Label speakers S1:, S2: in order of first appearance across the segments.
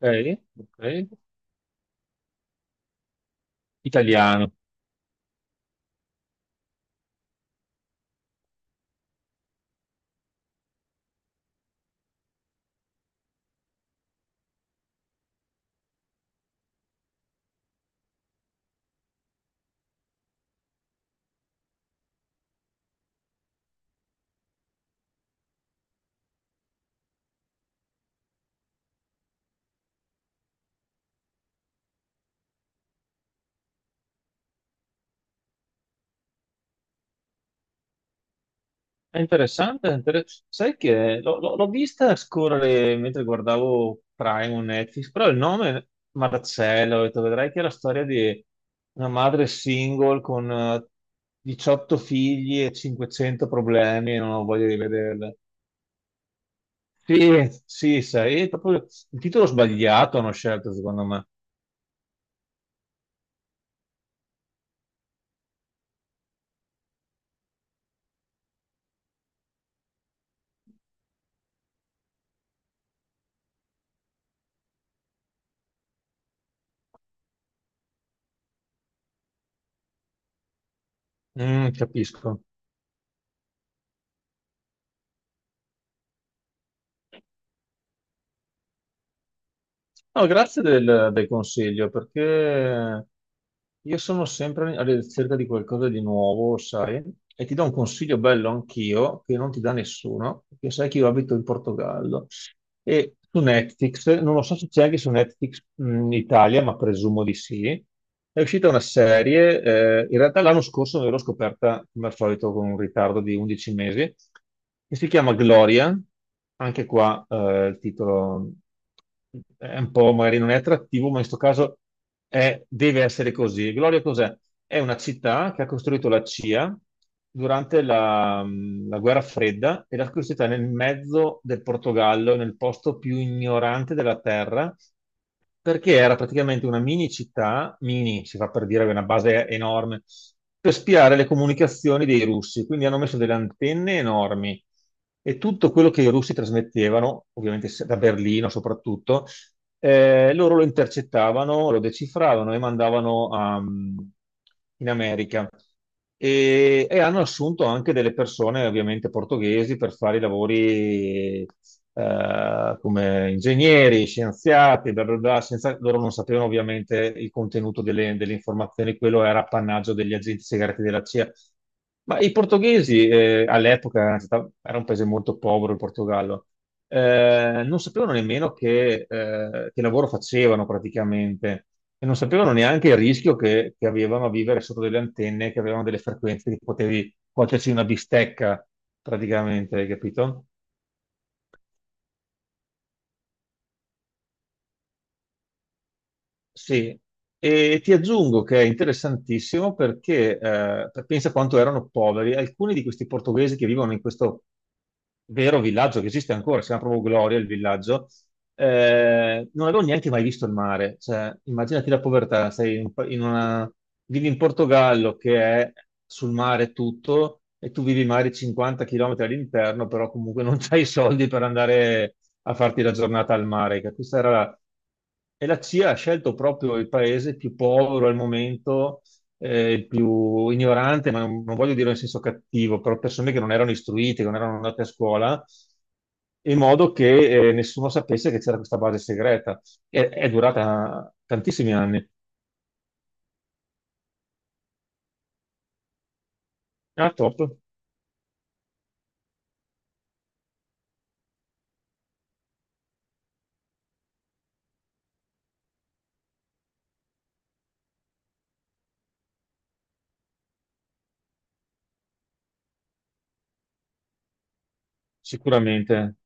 S1: Ok, ok. Italiano. È interessante. Sai che l'ho vista scorrere mentre guardavo Prime o Netflix, però il nome Marcello, ho detto, vedrai che è la storia di una madre single con 18 figli e 500 problemi, non ho voglia di vederla. Sì, sì, sai, è proprio il titolo sbagliato hanno scelto, secondo me. Mm, capisco. No, grazie del consiglio perché io sono sempre alla ricerca di qualcosa di nuovo, sai, e ti do un consiglio bello anch'io che non ti dà nessuno, perché sai che io abito in Portogallo e su Netflix, non lo so se c'è anche su Netflix in Italia, ma presumo di sì, è uscita una serie, in realtà l'anno scorso me l'ho scoperta come al solito con un ritardo di 11 mesi, che si chiama Gloria, anche qua il titolo è un po', magari non è attrattivo, ma in questo caso deve essere così. Gloria cos'è? È una città che ha costruito la CIA durante la guerra fredda e l'ha costruita nel mezzo del Portogallo, nel posto più ignorante della terra, perché era praticamente una mini città, mini si fa per dire, aveva una base enorme, per spiare le comunicazioni dei russi. Quindi hanno messo delle antenne enormi e tutto quello che i russi trasmettevano, ovviamente da Berlino soprattutto, loro lo intercettavano, lo decifravano e in America. E hanno assunto anche delle persone, ovviamente portoghesi, per fare i lavori come ingegneri, scienziati, bla bla bla, loro non sapevano ovviamente il contenuto delle informazioni, quello era appannaggio degli agenti segreti della CIA. Ma i portoghesi all'epoca era un paese molto povero, il Portogallo, non sapevano nemmeno che lavoro facevano praticamente e non sapevano neanche il rischio che avevano a vivere sotto delle antenne, che avevano delle frequenze che potevi cuocerci una bistecca praticamente, hai capito? Sì, e ti aggiungo che è interessantissimo perché pensa quanto erano poveri alcuni di questi portoghesi che vivono in questo vero villaggio che esiste ancora, si chiama proprio Gloria il villaggio, non avevo neanche mai visto il mare. Cioè, immaginati la povertà, in una, vivi in Portogallo che è sul mare tutto e tu vivi magari 50 km all'interno, però comunque non hai i soldi per andare a farti la giornata al mare, che questa era la... E la CIA ha scelto proprio il paese più povero al momento, il più ignorante, ma non voglio dire in senso cattivo, però persone che non erano istruite, che non erano andate a scuola, in modo che nessuno sapesse che c'era questa base segreta. È durata tantissimi anni. Ah, top, sicuramente.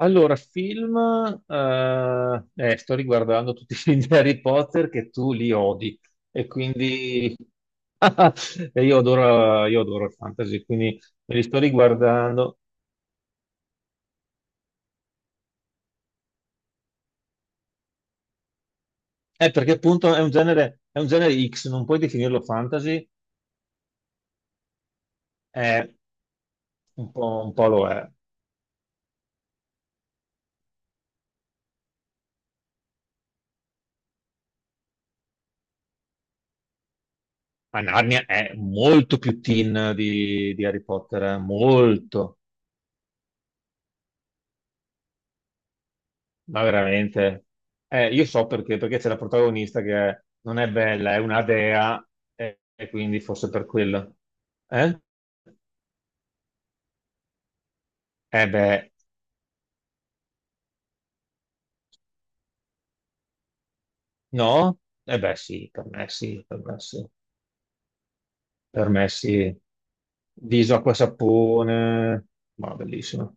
S1: Allora, film, sto riguardando tutti i film di Harry Potter che tu li odi e quindi e io adoro il fantasy, quindi me li sto riguardando. Perché appunto è un genere X, non puoi definirlo fantasy, è un po' lo è. Ma Narnia è molto più teen di Harry Potter, molto. Ma veramente? Io so perché, perché c'è la protagonista non è bella, è una dea, e quindi forse per quello. Eh? Eh beh, no? Eh beh sì, per me sì, per me sì. Per me sì. Viso, acqua, e sapone, ma bellissimo.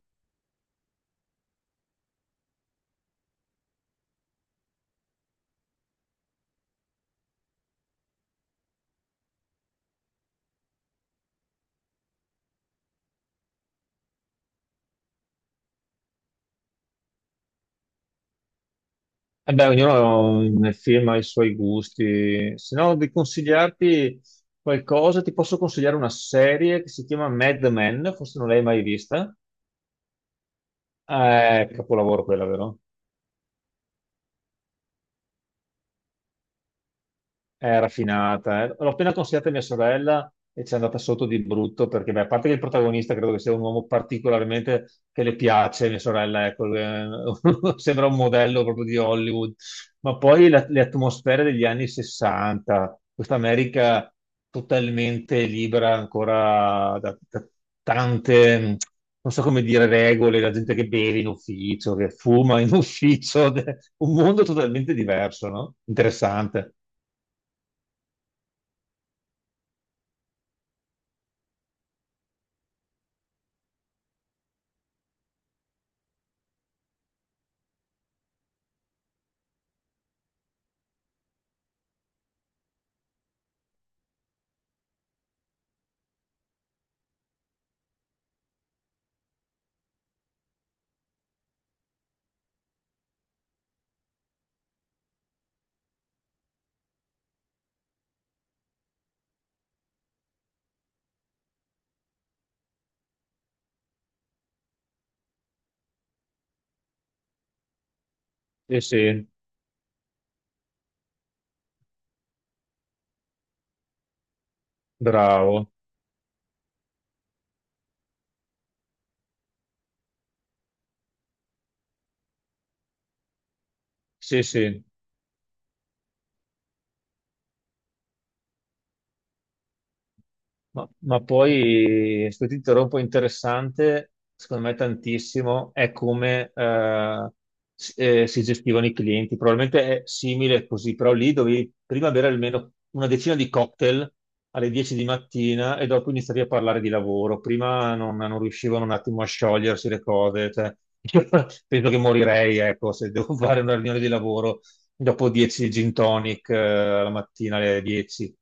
S1: Eh beh, ognuno nel film ha i suoi gusti. Se no, di consigliarti qualcosa, ti posso consigliare una serie che si chiama Mad Men, forse non l'hai mai vista. Capolavoro quella, vero? È raffinata, eh. L'ho appena consigliata a mia sorella e ci è andata sotto di brutto perché, beh, a parte che il protagonista credo che sia un uomo particolarmente che le piace, mia sorella, ecco, sembra un modello proprio di Hollywood, ma poi le atmosfere degli anni 60, questa America totalmente libera ancora da tante, non so come dire, regole, la gente che beve in ufficio, che fuma in ufficio, un mondo totalmente diverso, no? Interessante. Sì, sì, bravo. Sì, sì. Ma poi, questo titolo un po' interessante, secondo me tantissimo, è come si gestivano i clienti. Probabilmente è simile così, però lì dovevi prima bere almeno una decina di cocktail alle 10 di mattina e dopo iniziavi a parlare di lavoro. Prima non riuscivano un attimo a sciogliersi le cose. Cioè, io penso che morirei, ecco, se devo fare una riunione di lavoro dopo 10 gin tonic la mattina alle 10.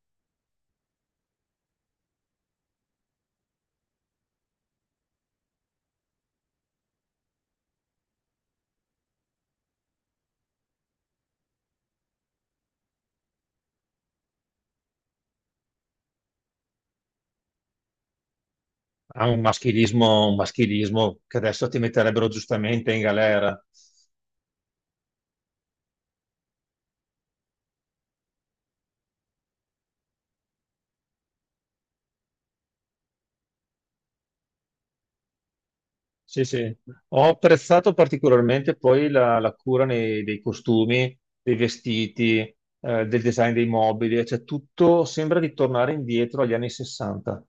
S1: Ha un maschilismo che adesso ti metterebbero giustamente in galera. Sì, sì. Ho apprezzato particolarmente poi la cura dei costumi, dei vestiti, del design dei mobili, cioè tutto sembra di tornare indietro agli anni 60.